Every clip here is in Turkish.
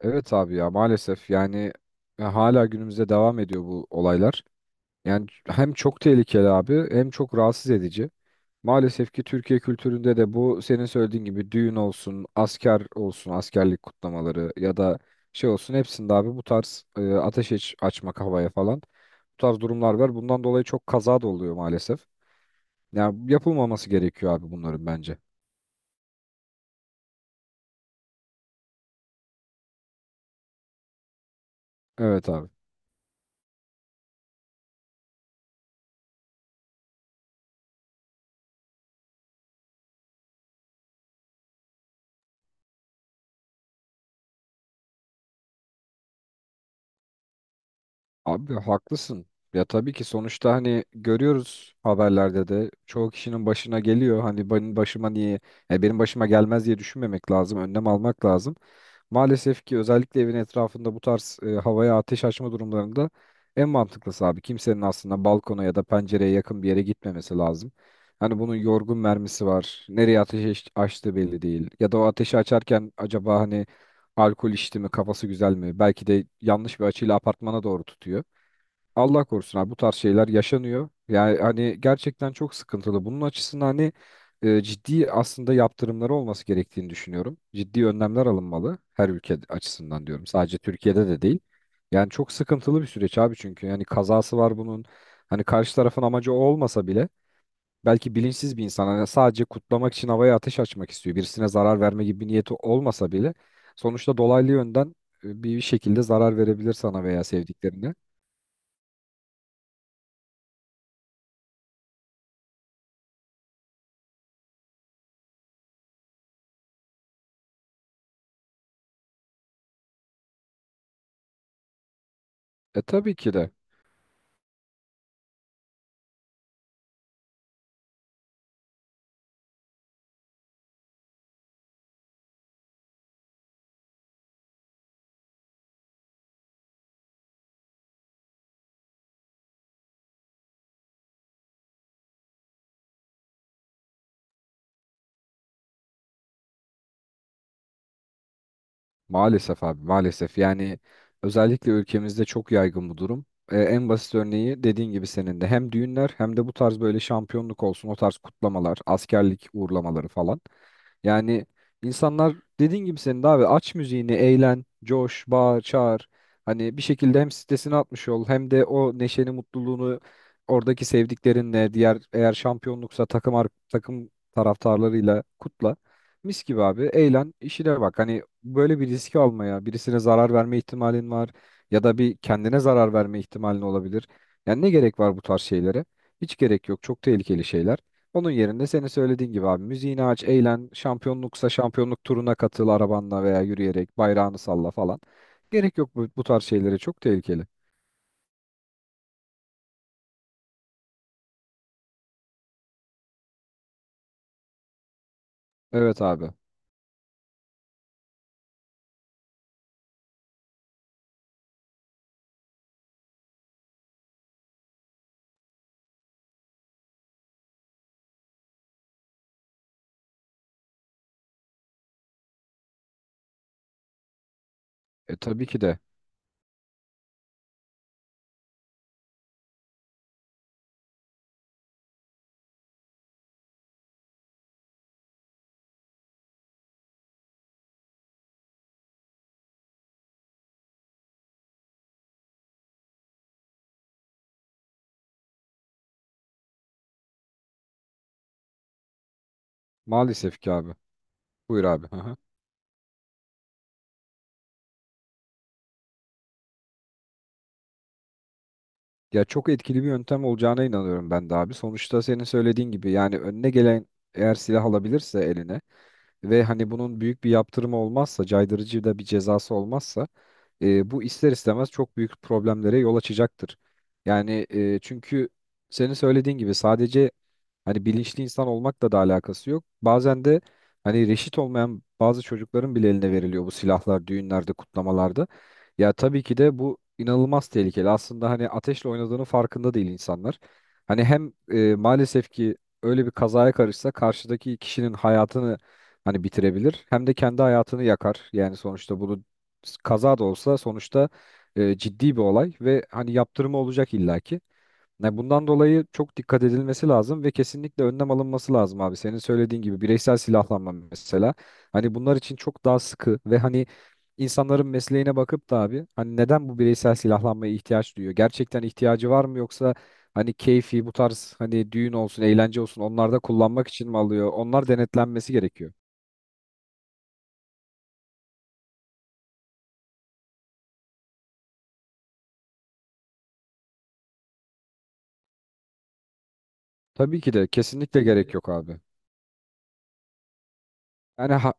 Evet abi, ya maalesef yani hala günümüzde devam ediyor bu olaylar. Yani hem çok tehlikeli abi, hem çok rahatsız edici. Maalesef ki Türkiye kültüründe de bu senin söylediğin gibi düğün olsun, asker olsun, askerlik kutlamaları ya da şey olsun, hepsinde abi bu tarz ateş açmak havaya falan, bu tarz durumlar var. Bundan dolayı çok kaza da oluyor maalesef. Yani yapılmaması gerekiyor abi bunların bence. Evet abi. Abi haklısın. Ya tabii ki, sonuçta hani görüyoruz haberlerde de çoğu kişinin başına geliyor. Hani benim başıma niye, yani benim başıma gelmez diye düşünmemek lazım. Önlem almak lazım. Maalesef ki özellikle evin etrafında bu tarz havaya ateş açma durumlarında en mantıklısı abi kimsenin aslında balkona ya da pencereye yakın bir yere gitmemesi lazım. Hani bunun yorgun mermisi var. Nereye ateş açtığı belli değil. Ya da o ateşi açarken acaba hani alkol içti mi, kafası güzel mi? Belki de yanlış bir açıyla apartmana doğru tutuyor. Allah korusun abi, bu tarz şeyler yaşanıyor. Yani hani gerçekten çok sıkıntılı. Bunun açısından hani ciddi aslında yaptırımları olması gerektiğini düşünüyorum. Ciddi önlemler alınmalı her ülke açısından diyorum. Sadece Türkiye'de de değil. Yani çok sıkıntılı bir süreç abi, çünkü yani kazası var bunun. Hani karşı tarafın amacı o olmasa bile belki bilinçsiz bir insan hani sadece kutlamak için havaya ateş açmak istiyor. Birisine zarar verme gibi bir niyeti olmasa bile sonuçta dolaylı yönden bir şekilde zarar verebilir sana veya sevdiklerine. E tabii ki de. Maalesef abi, maalesef yani özellikle ülkemizde çok yaygın bu durum. En basit örneği dediğin gibi senin de, hem düğünler hem de bu tarz böyle şampiyonluk olsun, o tarz kutlamalar, askerlik uğurlamaları falan. Yani insanlar dediğin gibi senin de abi, aç müziğini, eğlen, coş, bağır, çağır. Hani bir şekilde hem stresini atmış ol, hem de o neşeni, mutluluğunu oradaki sevdiklerinle, diğer eğer şampiyonluksa takım takım taraftarlarıyla kutla. Mis gibi abi, eğlen, işine bak. Hani böyle bir riski almaya, birisine zarar verme ihtimalin var ya da bir kendine zarar verme ihtimalin olabilir. Yani ne gerek var bu tarz şeylere? Hiç gerek yok. Çok tehlikeli şeyler. Onun yerine senin söylediğin gibi abi müziğini aç, eğlen, şampiyonluksa şampiyonluk turuna katıl arabanla veya yürüyerek bayrağını salla falan. Gerek yok bu, bu tarz şeylere, çok tehlikeli. Evet abi. E tabii ki de. Maalesef ki abi. Buyur abi. Hı hı. Ya çok etkili bir yöntem olacağına inanıyorum ben de abi. Sonuçta senin söylediğin gibi yani önüne gelen eğer silah alabilirse eline ve hani bunun büyük bir yaptırımı olmazsa, caydırıcı da bir cezası olmazsa bu ister istemez çok büyük problemlere yol açacaktır. Yani çünkü senin söylediğin gibi sadece hani bilinçli insan olmakla da alakası yok. Bazen de hani reşit olmayan bazı çocukların bile eline veriliyor bu silahlar, düğünlerde, kutlamalarda. Ya tabii ki de bu inanılmaz tehlikeli. Aslında hani ateşle oynadığının farkında değil insanlar. Hani hem maalesef ki öyle bir kazaya karışsa karşıdaki kişinin hayatını hani bitirebilir, hem de kendi hayatını yakar. Yani sonuçta bunu kaza da olsa sonuçta ciddi bir olay ve hani yaptırımı olacak illaki. Yani bundan dolayı çok dikkat edilmesi lazım ve kesinlikle önlem alınması lazım abi. Senin söylediğin gibi bireysel silahlanma mesela. Hani bunlar için çok daha sıkı ve hani insanların mesleğine bakıp da abi, hani neden bu bireysel silahlanmaya ihtiyaç duyuyor? Gerçekten ihtiyacı var mı yoksa hani keyfi bu tarz hani düğün olsun, eğlence olsun onlarda kullanmak için mi alıyor? Onlar denetlenmesi gerekiyor. Tabii ki de kesinlikle gerek yok abi. Yani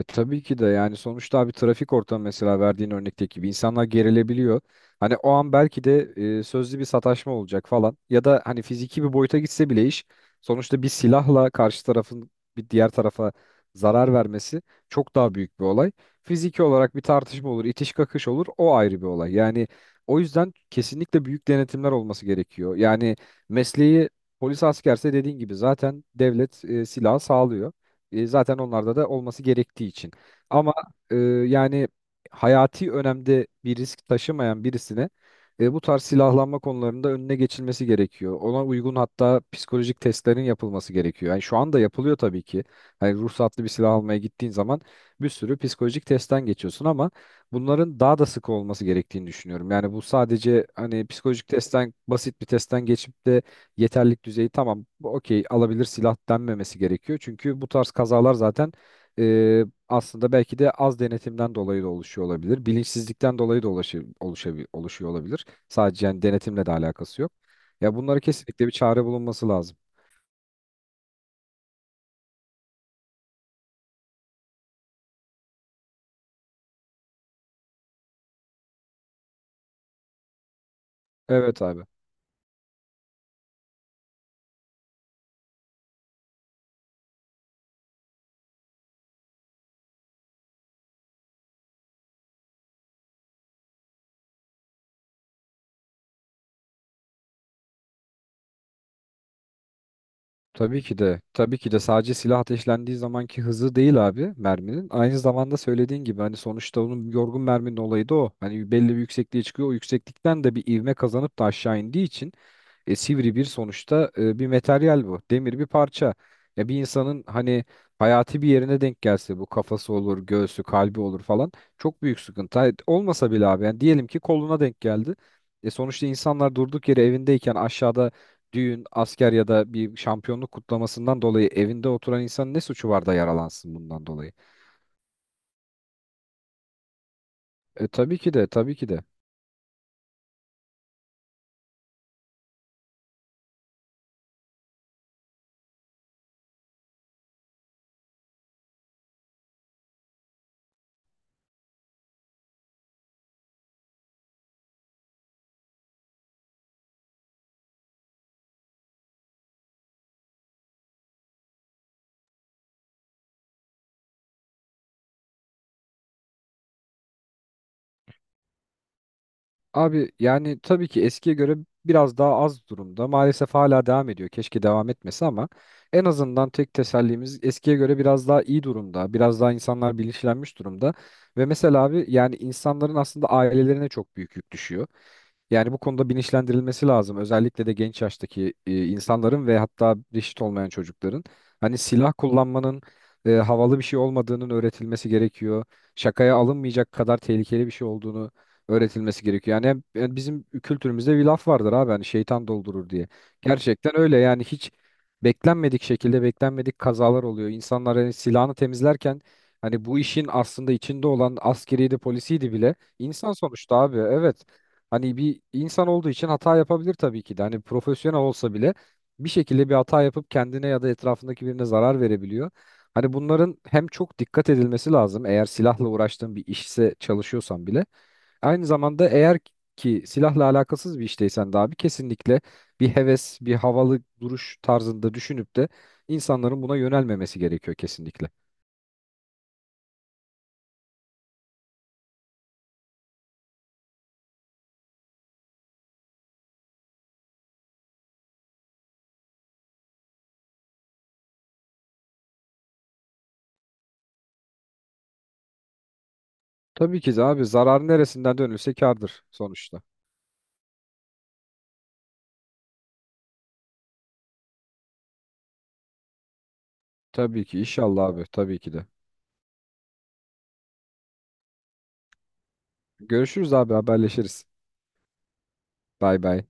Tabii ki de yani sonuçta abi, trafik ortamı mesela verdiğin örnekteki gibi insanlar gerilebiliyor. Hani o an belki de sözlü bir sataşma olacak falan ya da hani fiziki bir boyuta gitse bile iş, sonuçta bir silahla karşı tarafın bir diğer tarafa zarar vermesi çok daha büyük bir olay. Fiziki olarak bir tartışma olur, itiş kakış olur, o ayrı bir olay. Yani o yüzden kesinlikle büyük denetimler olması gerekiyor. Yani mesleği polis askerse dediğin gibi zaten devlet silahı sağlıyor. E, zaten onlarda da olması gerektiği için. Ama e, yani hayati önemde bir risk taşımayan birisine bu tarz silahlanma konularında önüne geçilmesi gerekiyor. Ona uygun hatta psikolojik testlerin yapılması gerekiyor. Yani şu anda yapılıyor tabii ki. Hani ruhsatlı bir silah almaya gittiğin zaman bir sürü psikolojik testten geçiyorsun ama bunların daha da sık olması gerektiğini düşünüyorum. Yani bu sadece hani psikolojik testten, basit bir testten geçip de yeterlilik düzeyi tamam, bu okey alabilir silah denmemesi gerekiyor. Çünkü bu tarz kazalar zaten e, aslında belki de az denetimden dolayı da oluşuyor olabilir. Bilinçsizlikten dolayı da oluşuyor olabilir. Sadece yani denetimle de alakası yok. Ya bunlara kesinlikle bir çare bulunması lazım. Evet abi. Tabii ki de. Tabii ki de sadece silah ateşlendiği zamanki hızı değil abi merminin. Aynı zamanda söylediğin gibi hani sonuçta onun yorgun merminin olayı da o. Hani belli bir yüksekliğe çıkıyor. O yükseklikten de bir ivme kazanıp da aşağı indiği için sivri bir sonuçta bir materyal bu. Demir bir parça. Ya bir insanın hani hayati bir yerine denk gelse, bu kafası olur, göğsü, kalbi olur falan, çok büyük sıkıntı. Hayır, olmasa bile abi yani diyelim ki koluna denk geldi. E sonuçta insanlar durduk yere evindeyken aşağıda düğün, asker ya da bir şampiyonluk kutlamasından dolayı evinde oturan insanın ne suçu var da yaralansın bundan dolayı? E tabii ki de, tabii ki de. Abi yani tabii ki eskiye göre biraz daha az durumda. Maalesef hala devam ediyor. Keşke devam etmese ama en azından tek tesellimiz eskiye göre biraz daha iyi durumda. Biraz daha insanlar bilinçlenmiş durumda. Ve mesela abi yani insanların aslında ailelerine çok büyük yük düşüyor. Yani bu konuda bilinçlendirilmesi lazım. Özellikle de genç yaştaki insanların ve hatta reşit olmayan çocukların. Hani silah kullanmanın havalı bir şey olmadığının öğretilmesi gerekiyor. Şakaya alınmayacak kadar tehlikeli bir şey olduğunu öğretilmesi gerekiyor. Yani yani bizim kültürümüzde bir laf vardır abi, hani şeytan doldurur diye. Gerçekten öyle, yani hiç beklenmedik şekilde beklenmedik kazalar oluyor. İnsanlar hani silahını temizlerken hani bu işin aslında içinde olan askeriydi, polisiydi bile insan sonuçta abi, evet. Hani bir insan olduğu için hata yapabilir tabii ki de. Hani profesyonel olsa bile bir şekilde bir hata yapıp kendine ya da etrafındaki birine zarar verebiliyor. Hani bunların hem çok dikkat edilmesi lazım eğer silahla uğraştığın bir işse, çalışıyorsan bile. Aynı zamanda eğer ki silahla alakasız bir işteysen de abi, kesinlikle bir heves, bir havalı duruş tarzında düşünüp de insanların buna yönelmemesi gerekiyor kesinlikle. Tabii ki de abi, zarar neresinden dönülse kârdır sonuçta. Tabii ki inşallah abi, tabii ki de. Görüşürüz abi, haberleşiriz. Bay bay.